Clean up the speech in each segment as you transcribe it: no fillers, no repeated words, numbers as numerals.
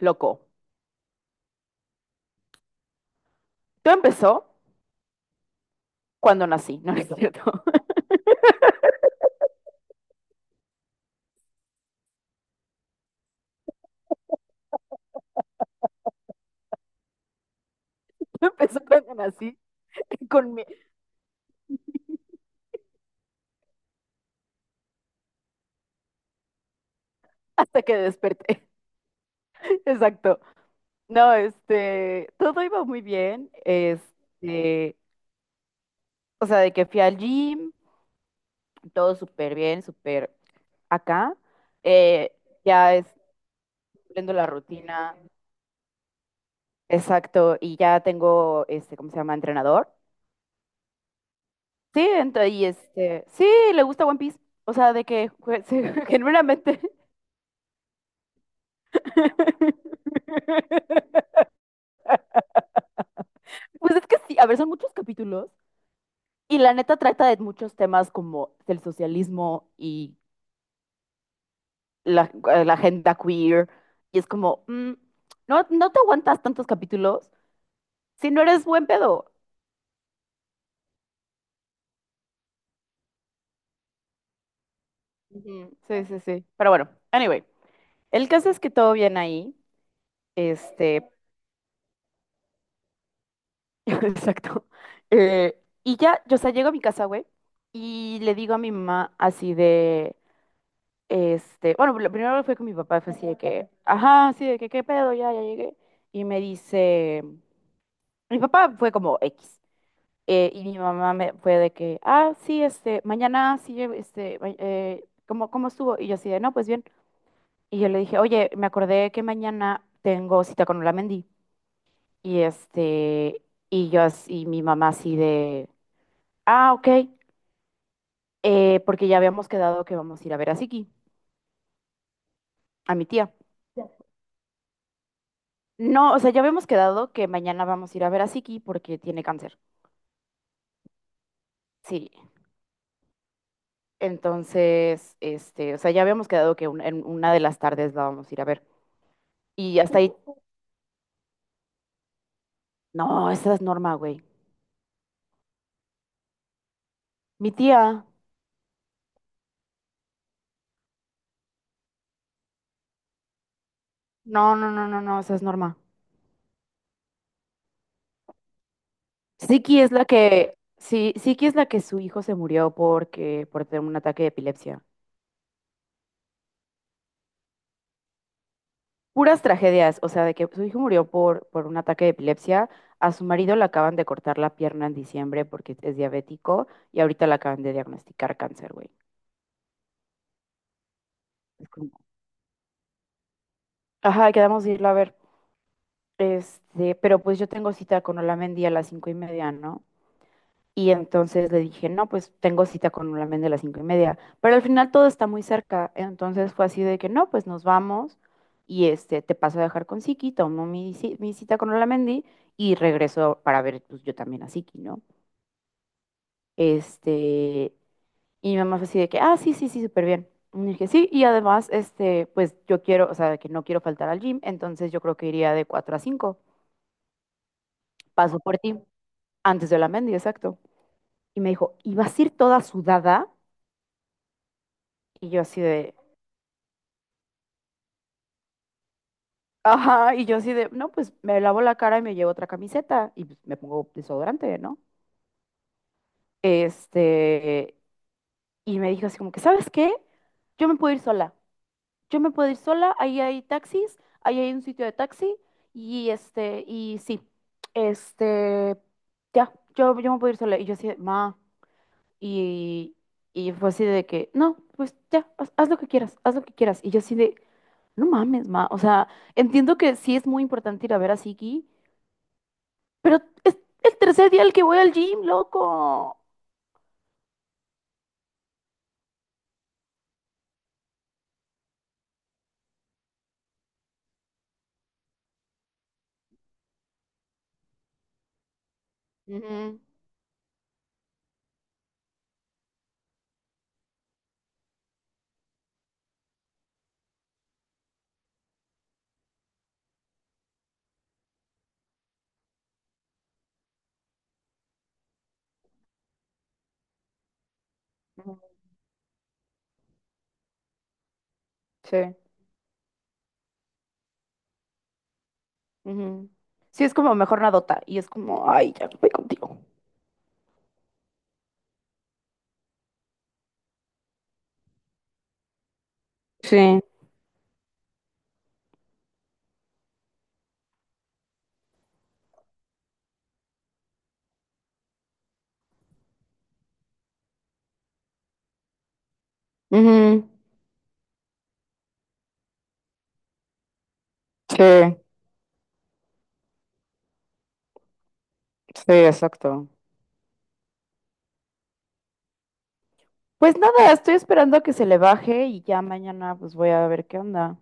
Loco, todo empezó cuando nací, no, no es cierto. Todo empezó cuando nací, con mi- hasta que desperté. Exacto. No, todo iba muy bien. O sea, de que fui al gym, todo súper bien, súper acá. Eh, ya es cumpliendo la rutina. Exacto. Y ya tengo, ¿cómo se llama? Entrenador. Sí, entonces sí, le gusta One Piece. O sea, de que genuinamente. Pues es que sí, a ver, son muchos capítulos y la neta trata de muchos temas como del socialismo y la agenda queer y es como, no te aguantas tantos capítulos si no eres buen pedo. Ujú. Sí, sí, sí. Pero bueno, anyway, el caso es que todo bien ahí. Este, exacto. Y ya, o sea, llego a mi casa, güey, y le digo a mi mamá así de... Bueno, lo primero fue con mi papá, fue así de que, ajá, así de que, ¿qué pedo? Ya llegué. Y me dice, mi papá fue como X. Y mi mamá me fue de que, ah, sí, mañana sí, ¿cómo, cómo estuvo? Y yo así de, no, pues bien. Y yo le dije, oye, me acordé que mañana tengo cita con Olamendi. Y este, y yo así, y mi mamá así de, ah, ok, porque ya habíamos quedado que vamos a ir a ver a Siki, a mi tía. No, o sea, ya habíamos quedado que mañana vamos a ir a ver a Siki porque tiene cáncer. Sí. Entonces, o sea, ya habíamos quedado que en una de las tardes la vamos a ir a ver. Y hasta ahí. No, esa es Norma, güey. Mi tía. No, esa es Norma. Siki es la que... Sí, Siki es la que su hijo se murió porque, por tener un ataque de epilepsia. Puras tragedias, o sea, de que su hijo murió por un ataque de epilepsia, a su marido le acaban de cortar la pierna en diciembre porque es diabético y ahorita le acaban de diagnosticar cáncer, güey. Es como, ajá, quedamos de irlo a ver. Pero pues yo tengo cita con Olamendi a las cinco y media, ¿no? Y entonces le dije, no, pues tengo cita con la men de las cinco y media. Pero al final todo está muy cerca. Entonces fue así de que no, pues nos vamos y te paso a dejar con Siki, tomo mi cita con Olamendi y regreso para ver pues, yo también a Siki, ¿no? Este, y mi mamá fue así de que, ah, sí, sí, sí, súper bien. Y dije, sí, y además, pues yo quiero, o sea, que no quiero faltar al gym, entonces yo creo que iría de 4 a cinco. Paso por ti antes de Olamendi, exacto. Y me dijo, ¿y vas a ir toda sudada? Y yo así de... ajá, y yo así de, no, pues me lavo la cara y me llevo otra camiseta y pues, me pongo desodorante, ¿no? Este, y me dijo así como que, ¿sabes qué? Yo me puedo ir sola. Yo me puedo ir sola, ahí hay taxis, ahí hay un sitio de taxi y sí, este, ya, yo me puedo ir sola. Y yo así de, ma, y, y fue así de que, no, pues ya, haz lo que quieras, haz lo que quieras. Y yo así de, no mames, ma, o sea, entiendo que sí es muy importante ir a ver a Siki, pero es el tercer día el que voy al gym, loco. Ujú. Ujú. Sí. Ujú. Sí, es como mejor nadota. Y es como, ay, ya no voy contigo. Sí. Ujú. Sí, sí, exacto. Pues nada, estoy esperando a que se le baje y ya mañana pues voy a ver qué onda.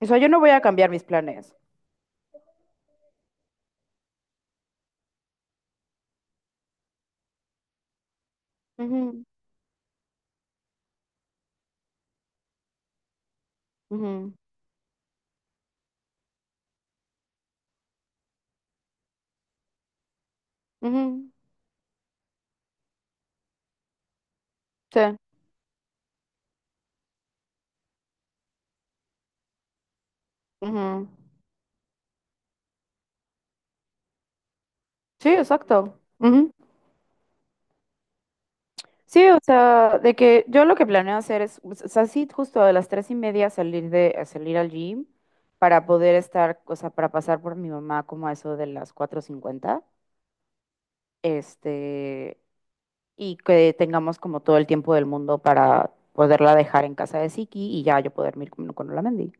O sea, yo no voy a cambiar mis planes. Ujú, ujú, ujú. Sí. Ujú. Sí, exacto. Ujú. Sí, o sea, de que yo lo que planeo hacer es, o sea, sí, justo a las tres y media a salir al gym para poder estar, o sea, para pasar por mi mamá como a eso de las cuatro cincuenta, este, y que tengamos como todo el tiempo del mundo para poderla dejar en casa de Siki y ya yo poder ir con Olamendi.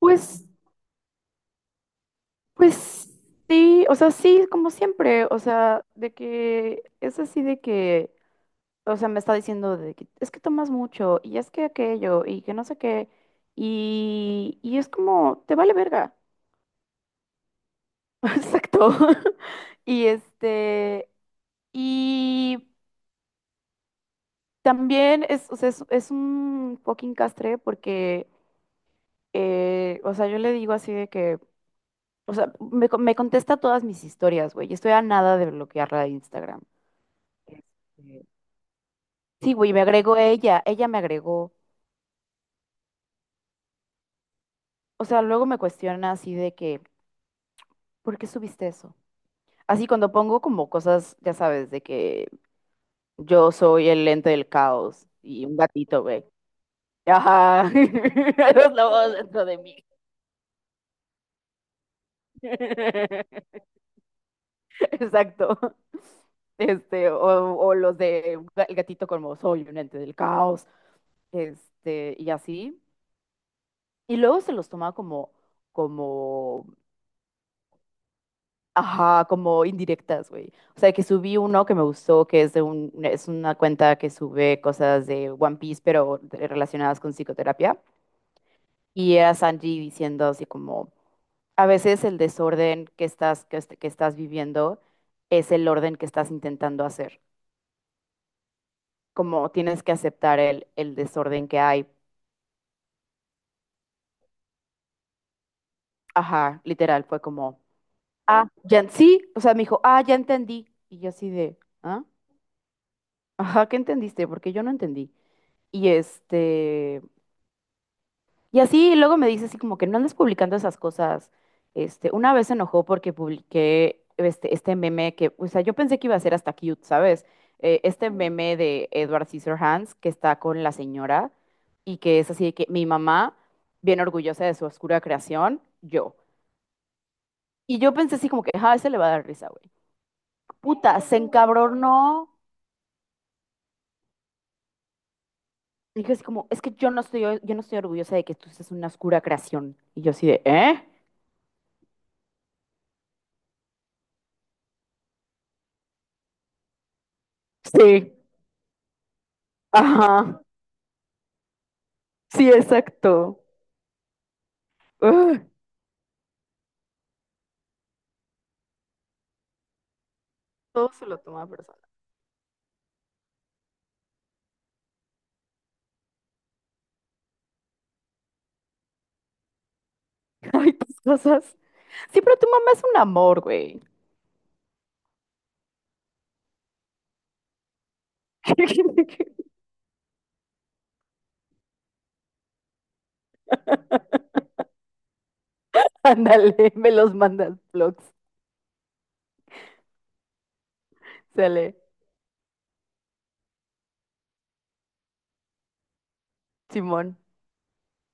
Pues, pues sí, o sea, sí, como siempre, o sea, de que es así de que... o sea, me está diciendo de que es que tomas mucho y es que aquello y que no sé qué. Y es como, te vale verga. Exacto. Y este, y también es, o sea, es un fucking castre porque, o sea, yo le digo así de que, o sea, me contesta todas mis historias, güey. Y estoy a nada de bloquearla de Instagram. Este, sí, güey, me agregó ella, ella me agregó. O sea, luego me cuestiona así de que, ¿por qué subiste eso? Así cuando pongo como cosas, ya sabes, de que yo soy el lente del caos y un gatito, güey. Ajá, los lobos dentro de mí. Exacto. Este, o los de un el gatito como soy un ente del caos, este, y así. Y luego se los toma como... ajá, como indirectas, güey. O sea, que subí uno que me gustó, que es es una cuenta que sube cosas de One Piece, pero relacionadas con psicoterapia. Y era Sanji diciendo así como, a veces el desorden que estás viviendo es el orden que estás intentando hacer. Como tienes que aceptar el desorden que hay. Ajá, literal, fue como, ah, ya, sí, o sea, me dijo, ah, ya entendí. Y yo así de, ah, ajá, ¿qué entendiste? Porque yo no entendí. Y este, y así luego me dice así como que no andes publicando esas cosas. Este, una vez se enojó porque publiqué este meme que, o sea, yo pensé que iba a ser hasta cute, ¿sabes? Este meme de Edward Scissorhands que está con la señora y que es así de que mi mamá, bien orgullosa de su oscura creación, yo. Y yo pensé así como que, ah, ese le va a dar risa, güey. Puta, se encabronó. Dije así como, es que yo no estoy orgullosa de que tú seas una oscura creación. Y yo así de, ¿eh? Sí, ajá. Sí, exacto. Ugh, todo se lo toma personal. Ay, tus cosas. Sí, pero tu mamá es un amor, güey. Ándale, me los mandas vlogs. Sale, simón.